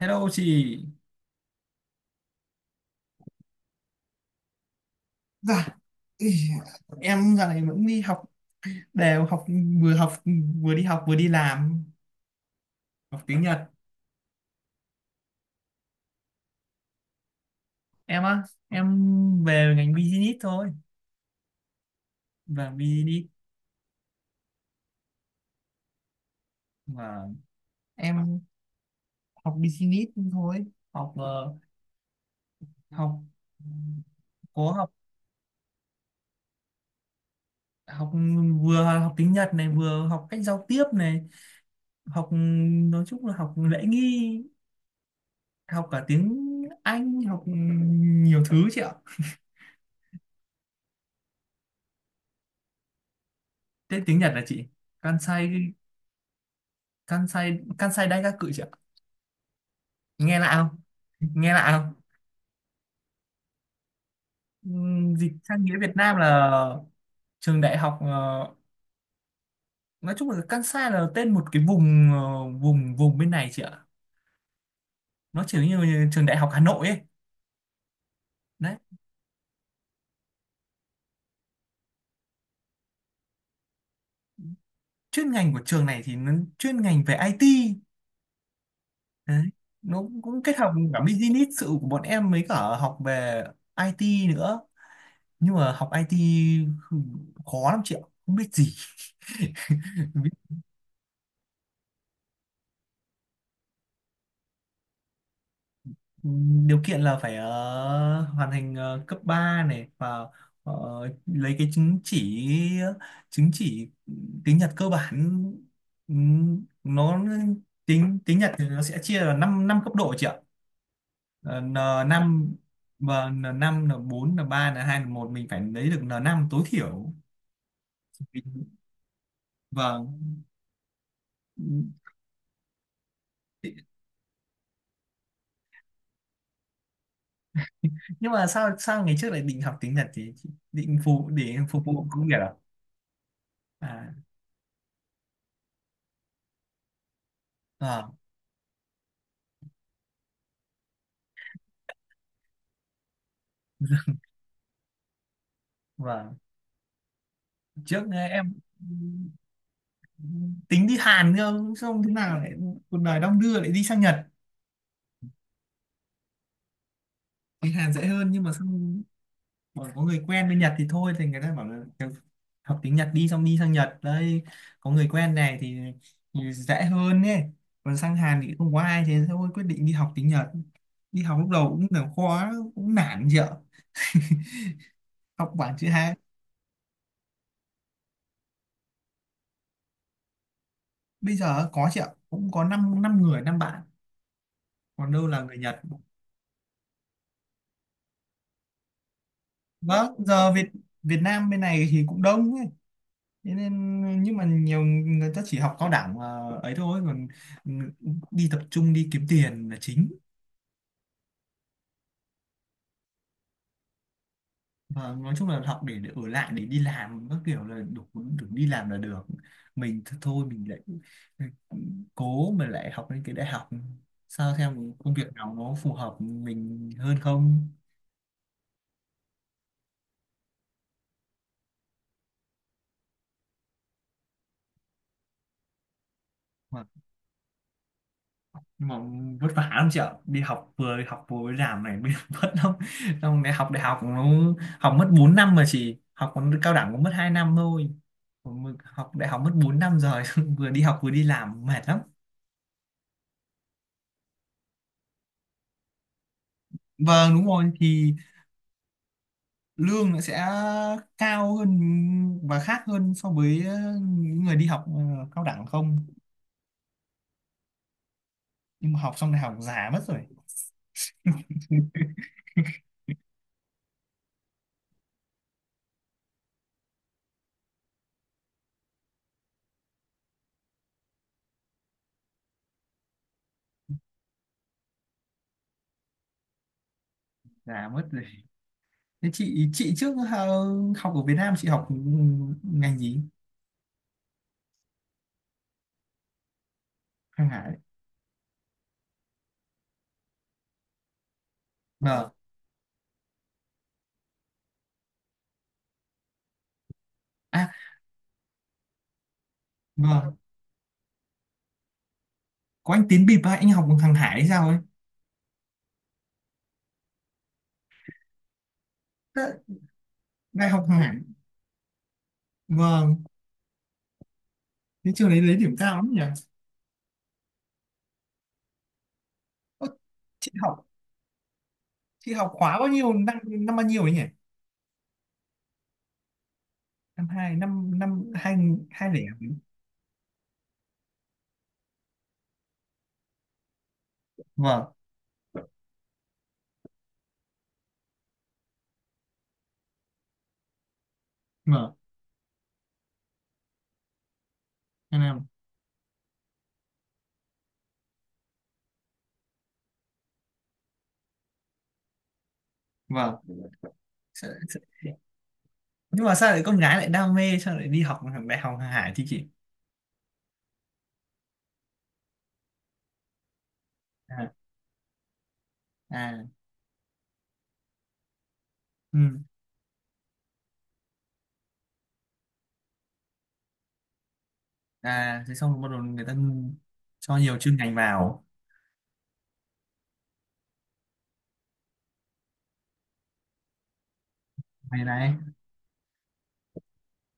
Hello chị. Dạ, ý, em dạo này vẫn đi học, đều học, vừa học vừa đi học vừa đi làm, học tiếng Nhật. Em á em về ngành business thôi. Và business và Em học business thôi. học ờ, học có học học vừa học tiếng Nhật này, vừa học cách giao tiếp này, học, nói chung là học lễ nghi, học cả tiếng Anh, học nhiều thứ chị ạ. Thế tiếng Nhật là chị, Kansai, Kansai Daigaku chứ ạ? Nghe lạ không? nghe lạ không Dịch sang nghĩa Việt Nam là trường đại học, nói chung là Kansai là tên một cái vùng, vùng bên này chị ạ. Nó chỉ như, như trường đại học Hà Nội ấy, đấy. Chuyên ngành của trường này thì nó chuyên ngành về IT, đấy. Nó cũng kết hợp cả business sự của bọn em mới cả học về IT nữa, nhưng mà học IT khó lắm chị ạ, không biết gì. Điều kiện là phải, hoàn thành, cấp 3 này, và ờ, lấy cái chứng chỉ, chứng chỉ tiếng Nhật cơ bản. Nó tiếng tiếng Nhật thì nó sẽ chia là 5 năm năm cấp độ chị ạ. Ờ, N năm, và n năm, n bốn, n ba, n hai, n một, mình phải lấy được n năm tối thiểu, vâng. Nhưng mà sao sao ngày trước lại định học tiếng Nhật thì định phục, để phục vụ công việc. À, à, vâng. Trước em tính đi Hàn cơ, xong thế nào lại cuộc đời đong đưa lại đi sang Nhật. Đi Hàn dễ hơn nhưng mà xong bảo có người quen bên Nhật thì thôi, thì người ta bảo là học tiếng Nhật đi, xong đi sang Nhật đây có người quen này thì dễ hơn ấy. Còn sang Hàn thì không có ai, thế thôi quyết định đi học tiếng Nhật. Đi học lúc đầu cũng là khó, cũng nản chị ạ, học bảng chữ Hán. Bây giờ có chị ạ, cũng có 5 năm năm người năm bạn, còn đâu là người Nhật, vâng. Giờ Việt Việt Nam bên này thì cũng đông ấy. Thế nên nhưng mà nhiều người ta chỉ học cao đẳng và ấy thôi, còn đi tập trung đi kiếm tiền là chính. Và nói chung là học để ở lại, để đi làm các kiểu là đủ, đủ đi làm là được. Thôi mình lại, ừ, cố mà lại học lên cái đại học, sao xem công việc nào nó phù hợp mình hơn không. Nhưng mà vất vả lắm chị ạ, đi học vừa mới làm này mới vất lắm. Xong đại học, nó học mất 4 năm, mà chị học còn cao đẳng cũng mất 2 năm thôi. Còn mình học đại học mất 4 năm rồi, vừa đi học vừa đi làm mệt lắm. Vâng, đúng rồi thì lương nó sẽ cao hơn và khác hơn so với, những người đi học, cao đẳng không. Nhưng mà học xong đại học già mất rồi. Già mất rồi. Thế chị, trước, học ở Việt Nam chị học ngành gì? Hàng Hải, vâng. À, vâng, có anh Tín Bịp á, anh học bằng hàng Hải hay sao ấy. Thế- đại học hàng Hải, vâng. Thế trường đấy lấy điểm cao lắm nhỉ? Ơ, chị học chị học khóa bao nhiêu, năm năm bao nhiêu ấy nhỉ? Năm hai, năm năm hai, hai lẻ, vâng. Vâng, hai năm, vâng. Sợ- sợ- nhưng mà sao lại con gái lại đam mê, sao lại đi học đại học hàng Hải thì chị? À, à, ừ, à. Thế xong rồi bắt đầu người ta cho nhiều chuyên ngành vào. Này này,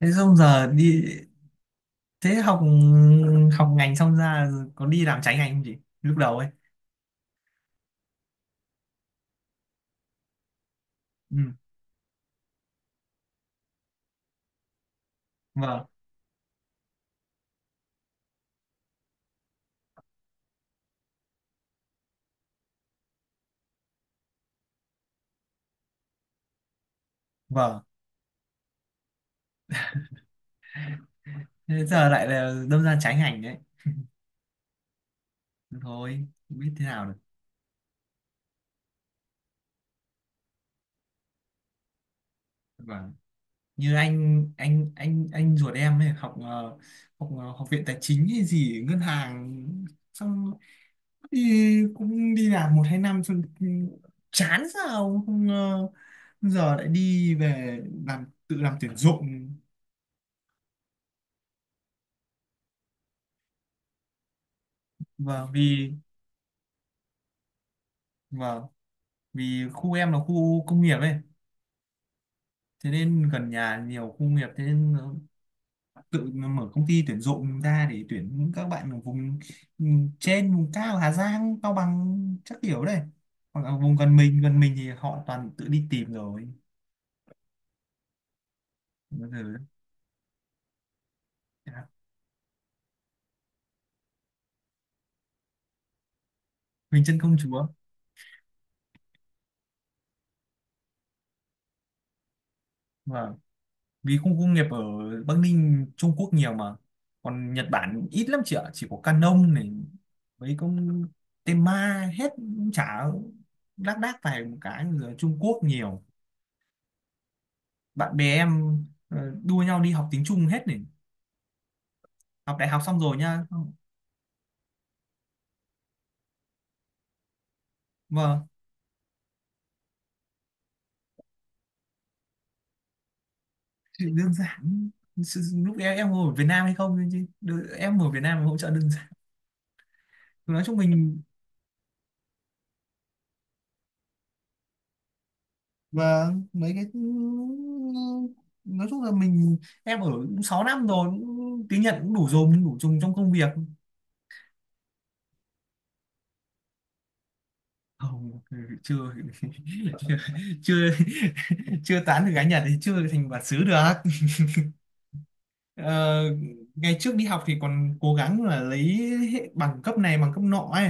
thế xong giờ đi, thế học, học ngành xong ra có đi làm trái ngành không chị, lúc đầu ấy? Ừ, vâng, vâng, thế giờ lại là đâm ra trái ngành đấy. Thôi không biết thế nào được, vâng. Như anh ruột em ấy học, học, học viện tài chính hay gì ngân hàng, xong đi cũng đi làm 1 2 năm, xong chán sao không, giờ lại đi về làm, tự làm tuyển dụng. Vâng vì, vâng vì khu em là khu công nghiệp ấy, thế nên gần nhà nhiều khu nghiệp, thế nên nó tự nó mở công ty tuyển dụng ra để tuyển những các bạn ở vùng, ừ, trên vùng cao Hà Giang, Cao Bằng chắc kiểu đây, hoặc là vùng gần mình thì họ toàn tự đi tìm rồi. Bây giờ Bình Chân Công Chúa, vâng, vì khu công nghiệp ở Bắc Ninh Trung Quốc nhiều mà, còn Nhật Bản ít lắm chị ạ, chỉ có Canon này, mấy con Tema hết, chả lác đác vài một cái, rồi Trung Quốc nhiều. Bạn bè em, ờ, đua nhau đi học tiếng Trung hết này, học đại học xong rồi nha. Vâng thì đơn giản, lúc em ngồi ở Việt Nam hay không chứ em ở Việt Nam hỗ trợ đơn giản. Nói chung mình, và mấy cái, nói chung là mình em ở cũng 6 năm rồi, cũng tiếng Nhật cũng đủ dùng, đủ dùng trong công việc. Không, chưa, chưa, chưa, chưa tán được gái Nhật thì chưa thành bản xứ được. Ờ, ngày trước đi học thì còn cố gắng là lấy bằng cấp này bằng cấp nọ ấy,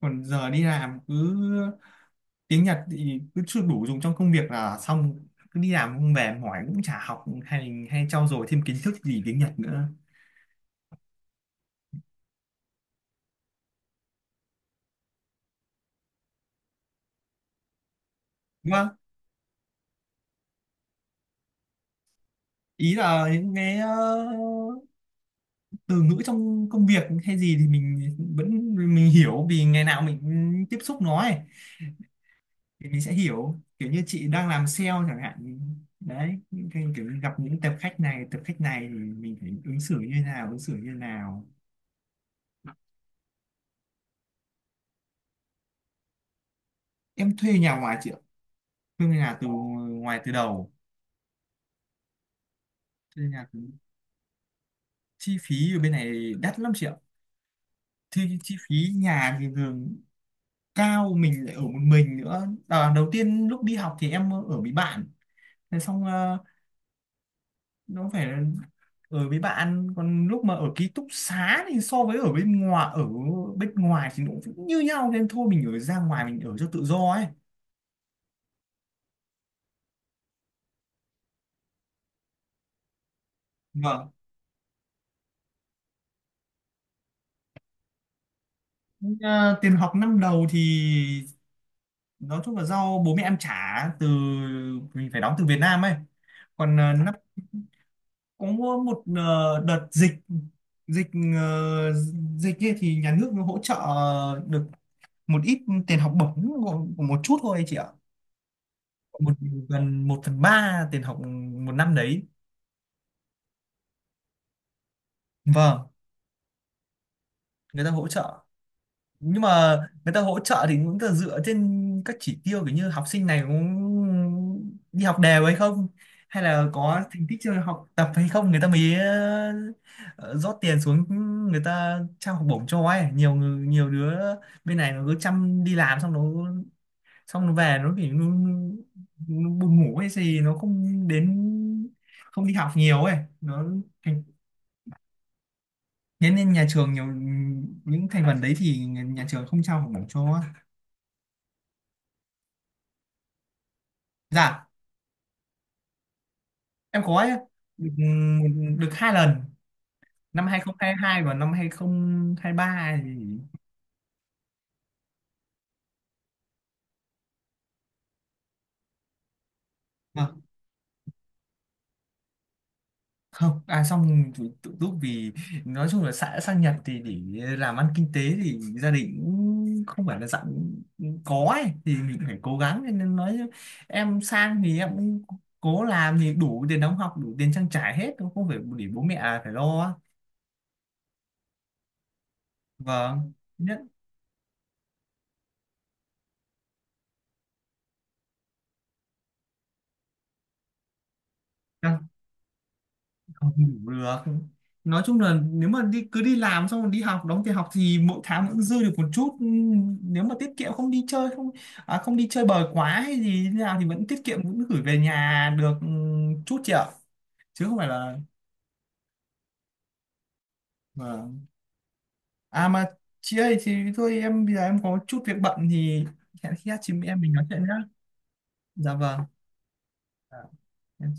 còn giờ đi làm cứ tiếng Nhật thì cứ chưa đủ dùng trong công việc là xong, cứ đi làm không về mỏi cũng chả học hay, hay trau dồi thêm kiến thức gì tiếng Nhật nữa. Đúng, ý là những cái, từ ngữ trong công việc hay gì thì mình vẫn mình hiểu, vì ngày nào mình tiếp xúc nó ấy, thì mình sẽ hiểu, kiểu như chị đang làm sale chẳng hạn thì, đấy những cái kiểu như gặp những tập khách này thì mình phải ứng xử như thế nào. Em thuê nhà ngoài chị ạ, thuê nhà từ ngoài từ đầu. Thuê nhà từ... chi phí ở bên này đắt lắm chị ạ, thì chi phí nhà thì thường cao, mình lại ở một mình nữa. À, đầu tiên lúc đi học thì em ở với bạn, thế xong nó phải ở với bạn, còn lúc mà ở ký túc xá thì so với ở bên ngoài, ở bên ngoài thì nó cũng như nhau nên thôi mình ở ra ngoài mình ở cho tự do ấy. Vâng. À, tiền học năm đầu thì nói chung là do bố mẹ em trả, từ mình phải đóng từ Việt Nam ấy. Còn à, năm có một, đợt dịch, dịch ờ, dịch kia thì nhà nước nó hỗ trợ được một ít tiền học bổng, của một chút thôi chị ạ. Một, gần 1/3 tiền học một năm đấy. Vâng, người ta hỗ trợ, nhưng mà người ta hỗ trợ thì cũng là dựa trên các chỉ tiêu, kiểu như học sinh này cũng đi học đều hay không, hay là có thành tích trong học tập hay không, người ta mới, ờ, rót tiền xuống, người ta trao học bổng cho ấy. Nhiều người- nhiều đứa bên này nó cứ chăm đi làm, xong nó, xong nó về nó kiểu nó buồn ngủ hay gì nó không đến, không đi học nhiều ấy, nó thành, thế nên nhà trường nhiều những thành phần đấy thì nhà nhà trường không trao học bổng cho, dạ. Em có ấy, được, được hai lần, năm hai không hai hai và năm 2023 thì. À, không, à xong tự, tự túc vì nói chung là xã sang Nhật thì để làm ăn kinh tế thì gia đình cũng không phải là dạng có ấy, thì mình phải cố gắng. Thế nên nói em sang thì em cũng cố làm thì đủ tiền đóng học, đủ tiền trang trải hết, không phải để bố mẹ phải lo. Vâng nhất. Vâng. Không đủ được, nói chung là nếu mà đi cứ đi làm xong rồi đi học đóng tiền học thì mỗi tháng vẫn dư được một chút. Nếu mà tiết kiệm không đi chơi không, à, không đi chơi bời quá hay gì thế nào thì vẫn tiết kiệm vẫn gửi về nhà được, chút chị ạ, chứ không phải là. Vâng. À mà chị ơi thì thôi em bây giờ em có chút việc bận thì hẹn khi khác chị em mình nói chuyện nhá. Dạ vâng. Dạ, em.